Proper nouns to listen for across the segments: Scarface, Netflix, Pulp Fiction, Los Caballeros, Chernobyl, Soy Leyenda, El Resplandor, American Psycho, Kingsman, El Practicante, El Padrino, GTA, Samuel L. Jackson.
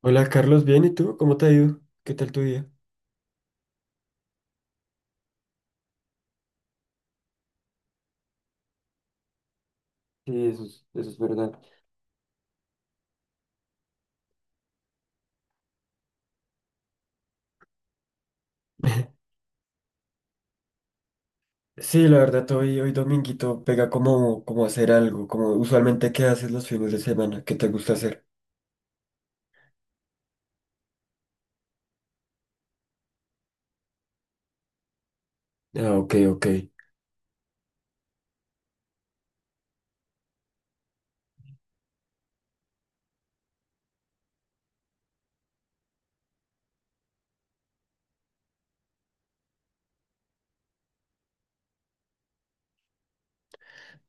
Hola Carlos, bien, ¿y tú? ¿Cómo te ha ido? ¿Qué tal tu día? Sí, eso es verdad. Sí, la verdad, hoy, hoy dominguito pega como, como hacer algo, como usualmente qué haces los fines de semana, qué te gusta hacer. Ah, ok, ok,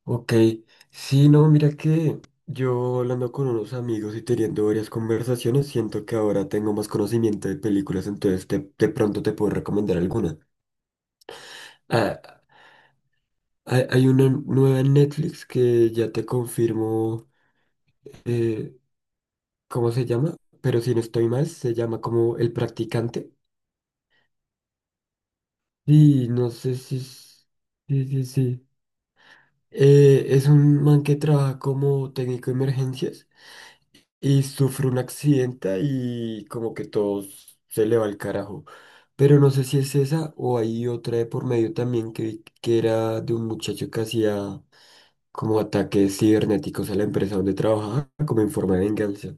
ok. Sí, no, mira que yo hablando con unos amigos y teniendo varias conversaciones, siento que ahora tengo más conocimiento de películas, de pronto te puedo recomendar alguna. Ah, hay una nueva en Netflix que ya te confirmo. eh, ¿Cómo se llama? Pero si no estoy mal, se llama como El Practicante. Y no sé si... es- Sí, sí, sí. Es un man que trabaja como técnico de emergencias y sufre un accidente y como que se le va al carajo. Pero no sé si es esa o hay otra de por medio también que, vi que era de un muchacho que hacía como ataques cibernéticos a la empresa donde trabajaba como en forma de venganza.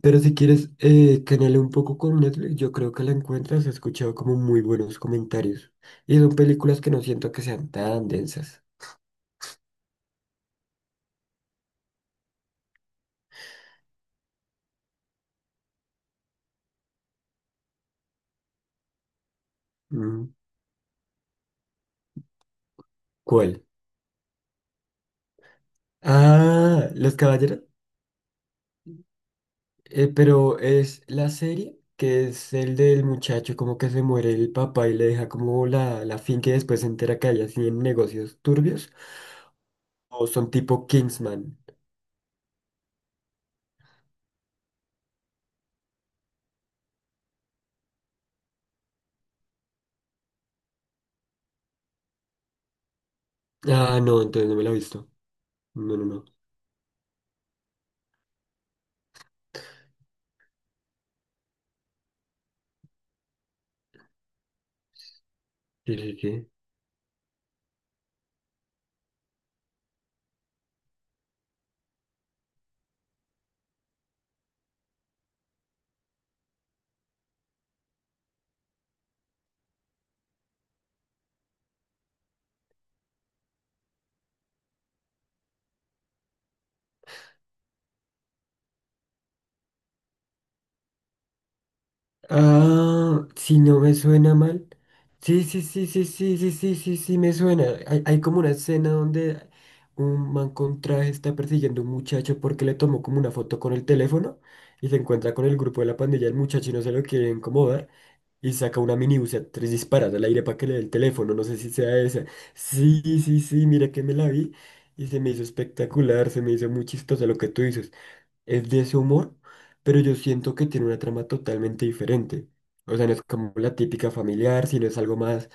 Pero si quieres, canale un poco con Netflix, yo creo que la encuentras. He escuchado como muy buenos comentarios. Y son películas que no siento que sean tan densas. Mm, ¿cuál? Ah, Los Caballeros. Pero es la serie que es el del muchacho, como que se muere el papá y le deja como la finca y después se entera que hay así en negocios turbios. O son tipo Kingsman. Ah, no, entonces no me la he visto. No, no, no. Sí, sí, sí. Ah, si no me suena mal. Sí, sí, sí, sí, sí, sí, sí, sí, sí, me suena. Hay como una escena donde un man con traje está persiguiendo a un muchacho porque le tomó como una foto con el teléfono y se encuentra con el grupo de la pandilla. El muchacho no se lo quiere incomodar y saca una minibús a tres disparas al aire para que le dé el teléfono. No sé si sea esa. Sí, sí, sí, mira que me la vi y se me hizo espectacular, se me hizo muy chistosa. Lo que tú dices es de ese humor, pero yo siento que tiene una trama totalmente diferente. O sea, no es como la típica familiar, sino es algo más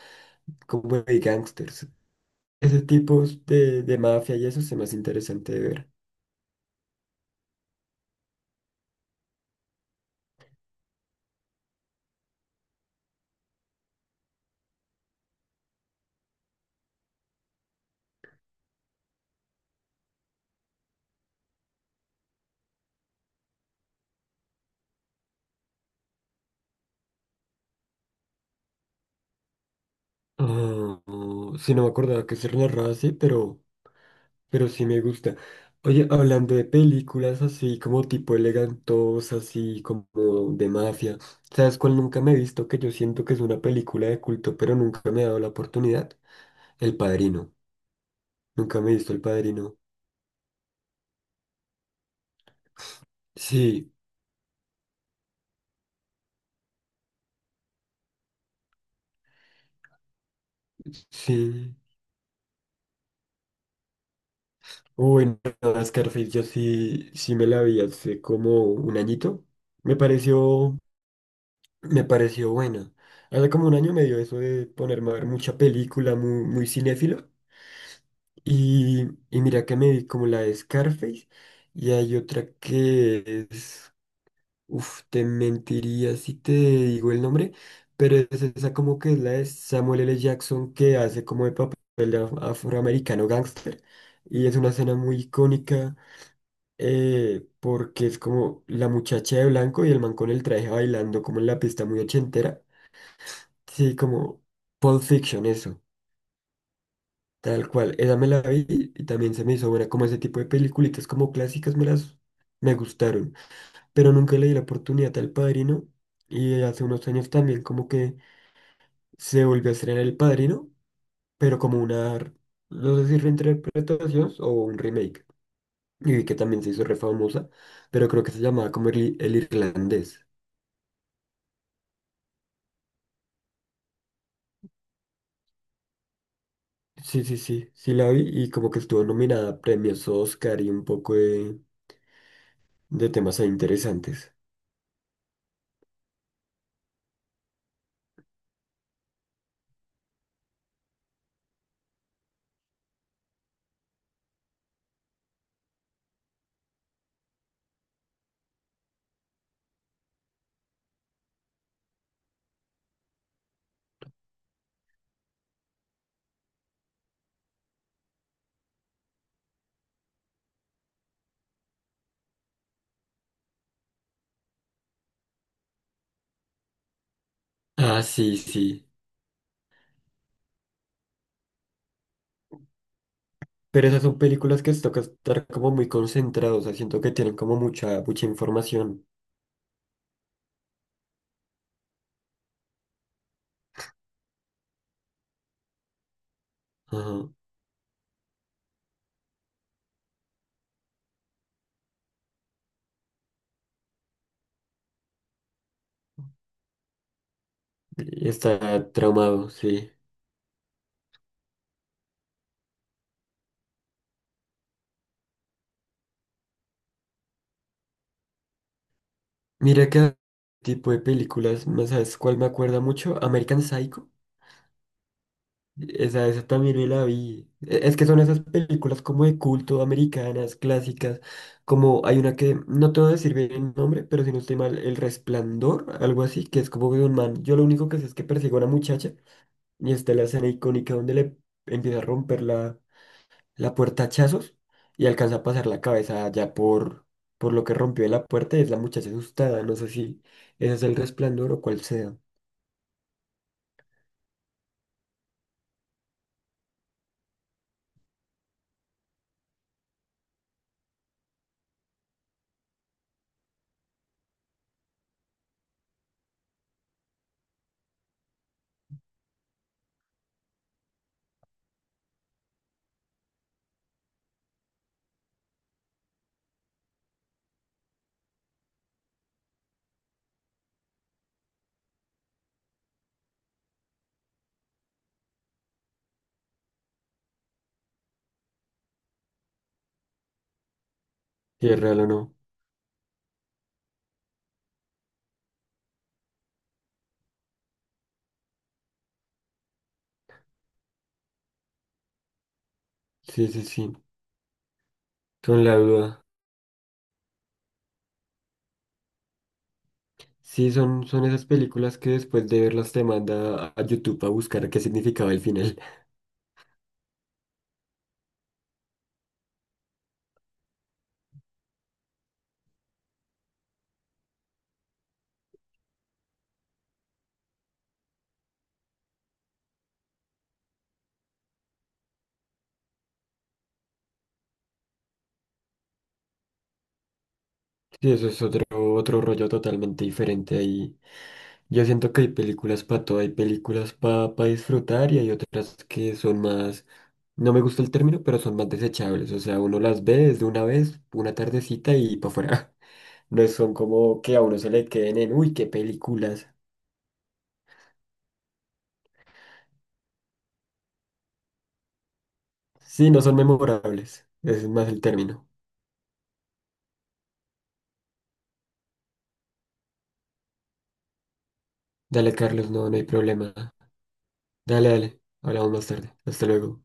como de gangsters. Ese tipo de mafia y eso es más interesante de ver. Ah, sí, no me acordaba que se narraba así, pero sí me gusta. Oye, hablando de películas así como tipo elegantosas, así como de mafia, ¿sabes cuál nunca me he visto? Que yo siento que es una película de culto, pero nunca me ha dado la oportunidad. El Padrino. Nunca me he visto El Padrino. Sí, sí. Uy, no, Scarface, yo sí, sí me la vi hace como un añito. Me pareció, me pareció buena. Hace como un año me dio eso de ponerme a ver mucha película, muy, muy cinéfilo. Y mira que me vi como la de Scarface. Y hay otra que es, uf, te mentiría si te digo el nombre, pero es esa como que es la de Samuel L. Jackson que hace como el papel de afroamericano gángster. Y es una escena muy icónica, porque es como la muchacha de blanco y el man con el traje bailando como en la pista muy ochentera. Sí, como Pulp Fiction, eso, tal cual. Esa me la vi y también se me hizo buena, como ese tipo de peliculitas como clásicas me gustaron. Pero nunca le di la oportunidad al Padrino. Y hace unos años también como que se volvió a estrenar El Padrino, pero como una, no sé si reinterpretación o un remake. Y vi que también se hizo re famosa, pero creo que se llamaba como el irlandés. Sí, sí, sí, sí la vi y como que estuvo nominada a premios Oscar y un poco de temas ahí interesantes. Ah, sí, sí. Pero esas son películas que se toca estar como muy concentrados, o sea, siento que tienen como mucha, mucha información. Ajá. Está traumado, sí. Mira que tipo de películas, ¿no sabes cuál me acuerda mucho? American Psycho. Esa también me la vi. Es que son esas películas como de culto, americanas, clásicas. Como hay una que, no te voy a decir bien el nombre, pero si no estoy mal, El Resplandor, algo así, que es como de un man. Yo lo único que sé es que persigue a una muchacha y está la escena icónica donde le empieza a romper la puerta a hachazos y alcanza a pasar la cabeza ya por lo que rompió la puerta y es la muchacha asustada. No sé si ese es el resplandor o cuál sea. Si es real o no. Sí, sí, sí. Son la duda. Sí, son, son esas películas que después de verlas te manda a YouTube a buscar qué significaba el final. Sí, eso es otro, otro rollo totalmente diferente ahí. Yo siento que hay películas para todo, hay películas para disfrutar y hay otras que son más, no me gusta el término, pero son más desechables. O sea, uno las ve desde una vez, una tardecita y para afuera. No son como que a uno se le queden en, uy, qué películas. Sí, no son memorables. Ese es más el término. Dale, Carlos, no, no hay problema. Dale, dale. Hablamos más tarde. Hasta luego.